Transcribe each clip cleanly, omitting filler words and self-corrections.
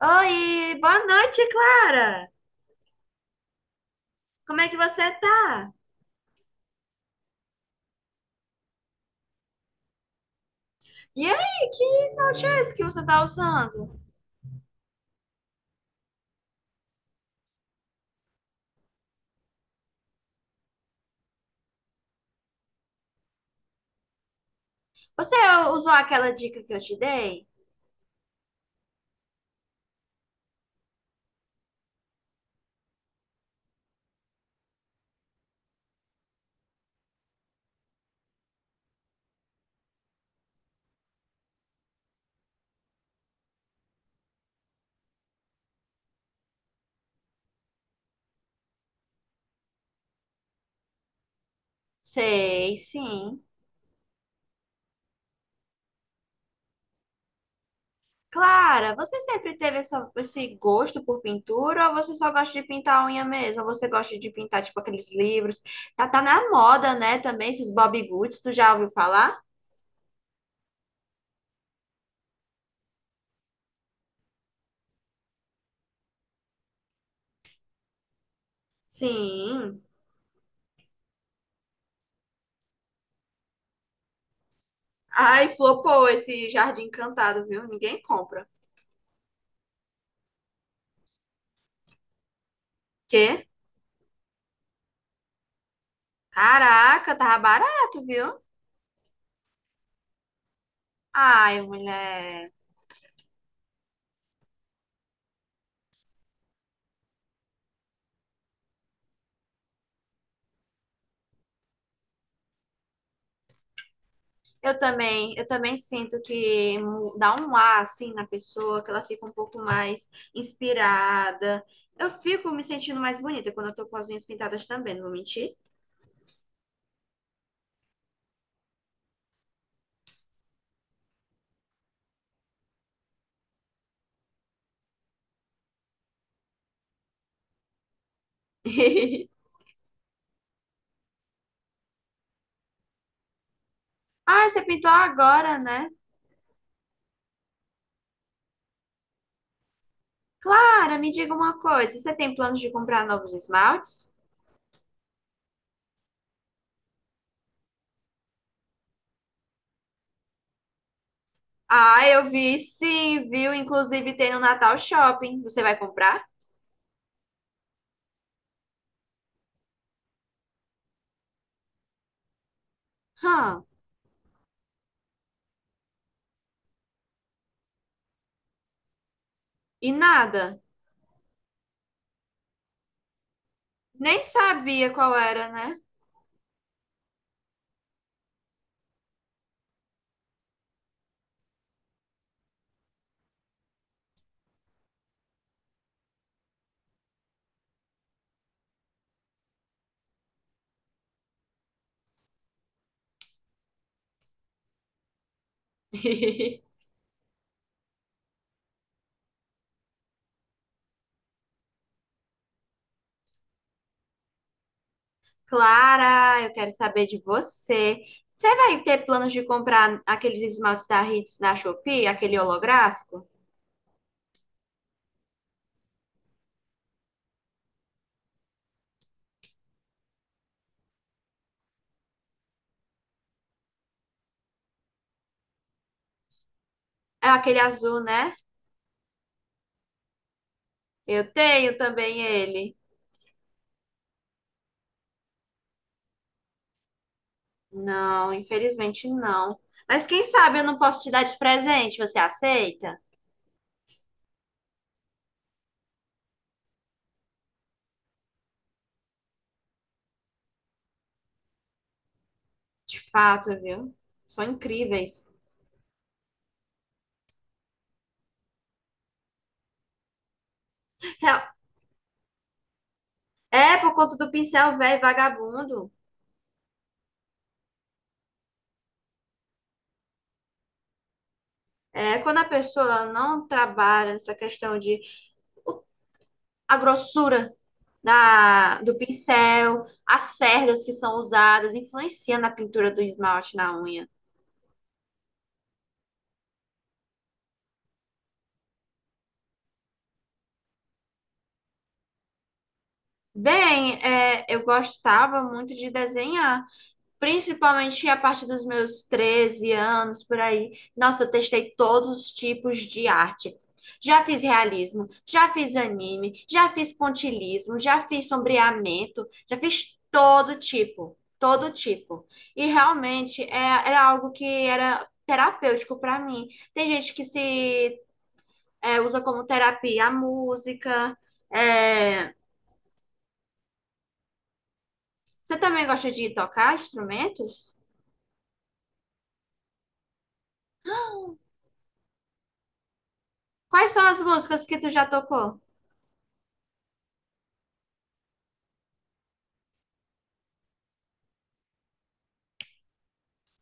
Oi, boa noite, Clara. Como é que você tá? E aí, que esmalte é esse que você tá usando? Você usou aquela dica que eu te dei? Sei, sim. Clara, você sempre teve esse gosto por pintura ou você só gosta de pintar a unha mesmo? Ou você gosta de pintar, tipo, aqueles livros? Tá, tá na moda, né, também, esses Bobbie Goods, tu já ouviu falar? Sim. Ai, flopou esse jardim encantado, viu? Ninguém compra. Quê? Caraca, tava barato, viu? Ai, mulher, eu também sinto que dá um ar assim na pessoa, que ela fica um pouco mais inspirada. Eu fico me sentindo mais bonita quando eu tô com as unhas pintadas também, não vou mentir. Ai, você pintou agora, né? Clara, me diga uma coisa, você tem planos de comprar novos esmaltes? Ah, eu vi sim, viu? Inclusive tem no Natal Shopping. Você vai comprar? Hã, e nada. Nem sabia qual era, né? Clara, eu quero saber de você. Você vai ter planos de comprar aqueles esmaltes da Hits na Shopee, aquele holográfico? É aquele azul, né? Eu tenho também ele. Não, infelizmente não. Mas quem sabe eu não posso te dar de presente, você aceita? De fato, viu? São incríveis. É, é por conta do pincel velho vagabundo. É, quando a pessoa não trabalha nessa questão de o a grossura do pincel, as cerdas que são usadas, influencia na pintura do esmalte na unha. Bem, é, eu gostava muito de desenhar. Principalmente a partir dos meus 13 anos, por aí. Nossa, eu testei todos os tipos de arte. Já fiz realismo, já fiz anime, já fiz pontilhismo, já fiz sombreamento, já fiz todo tipo, todo tipo. E realmente era algo que era terapêutico para mim. Tem gente que se é, usa como terapia a música. É. Você também gosta de tocar instrumentos? Quais são as músicas que tu já tocou?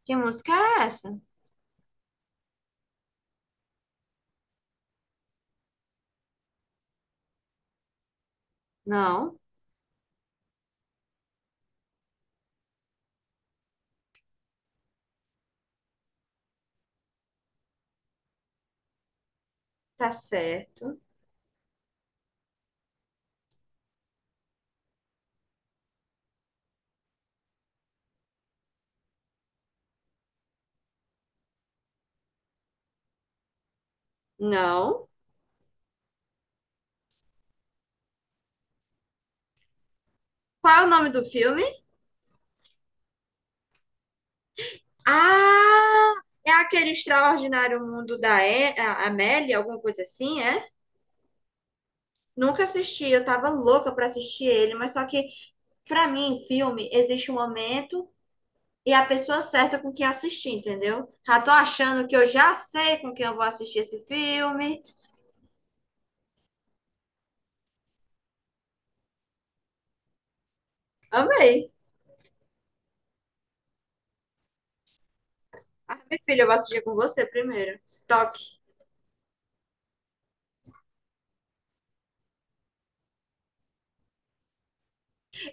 Que música é essa? Não. Tá certo. Não. Qual é o nome do filme? Ah, é aquele Extraordinário Mundo da Amélie, alguma coisa assim, é? Nunca assisti, eu tava louca pra assistir ele, mas só que pra mim, filme, existe um momento e a pessoa certa com quem assistir, entendeu? Já tô achando que eu já sei com quem eu vou assistir esse filme. Amei. Ah, minha filha, eu vou assistir com você primeiro. Stock.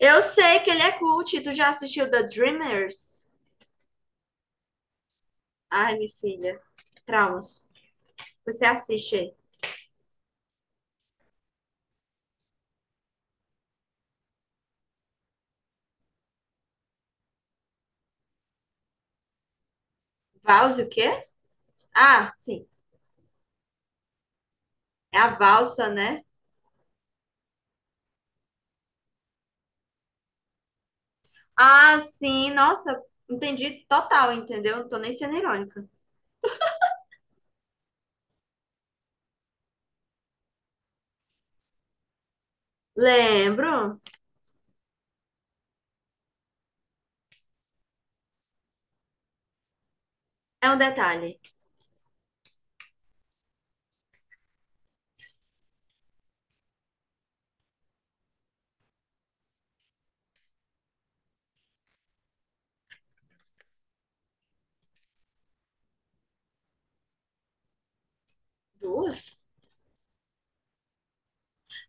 Eu sei que ele é cult. Tu já assistiu The Dreamers? Ai, minha filha. Traumas. Você assiste aí. Vals o quê? Ah, sim. É a valsa, né? Ah, sim. Nossa, entendi total, entendeu? Não tô nem sendo irônica. Lembro. É um detalhe. Duas?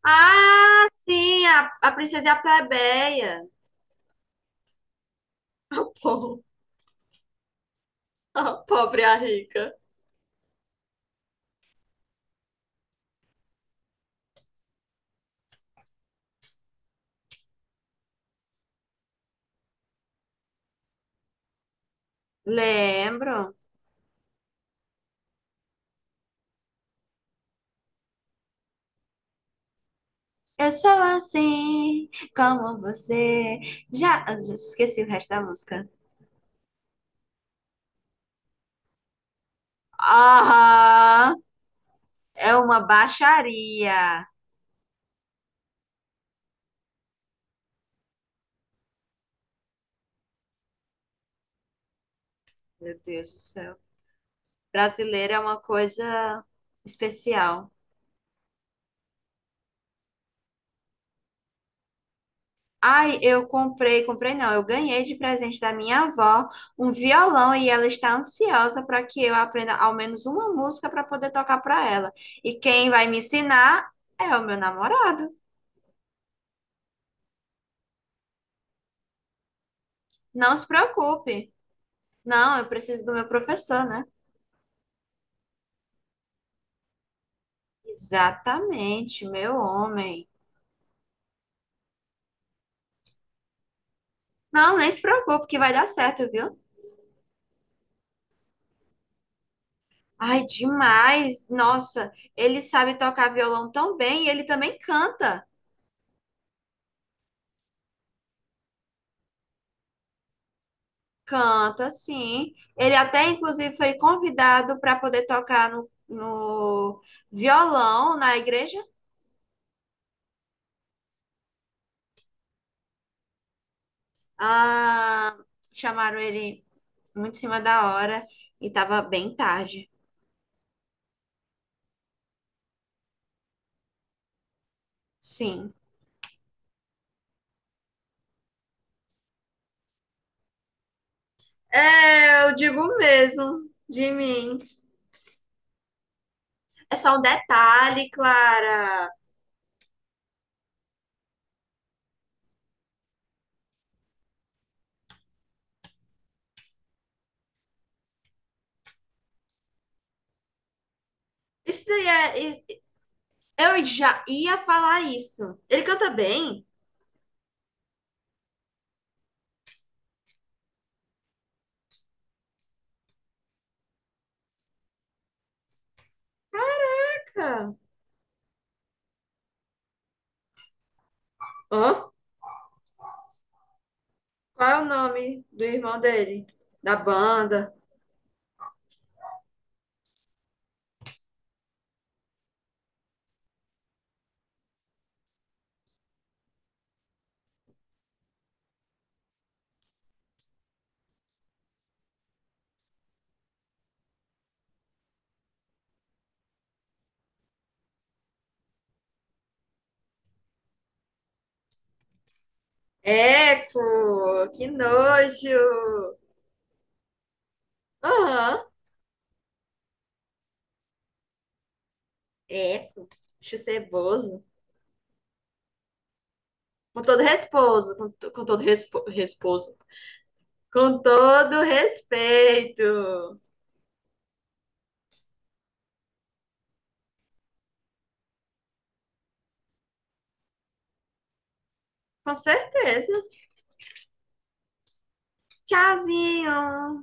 Ah, sim. A princesa e a plebeia. A po- a pobre e a rica. Lembro. Eu sou assim, como você. Já, ah, já esqueci o resto da música. Ah, é uma baixaria. Meu Deus do céu. Brasileiro é uma coisa especial. Ai, eu comprei, comprei não, eu ganhei de presente da minha avó um violão e ela está ansiosa para que eu aprenda ao menos uma música para poder tocar para ela. E quem vai me ensinar é o meu namorado. Não se preocupe. Não, eu preciso do meu professor, né? Exatamente, meu homem. Não, nem se preocupe que vai dar certo, viu? Ai, demais! Nossa, ele sabe tocar violão tão bem e ele também canta. Canta, sim. Ele até, inclusive, foi convidado para poder tocar no violão na igreja. Ah, chamaram ele muito em cima da hora e tava bem tarde. Sim. É, eu digo mesmo de mim. É só um detalhe, Clara. Isso daí é. Eu já ia falar isso. Ele canta bem? Caraca. Hã? Qual é o nome do irmão dele? Da banda? Eco! Que nojo! Aham. Eco. Acho ceboso. Com todo resposo. Com todo resposo. Com todo respeito. Com certeza. Tchauzinho.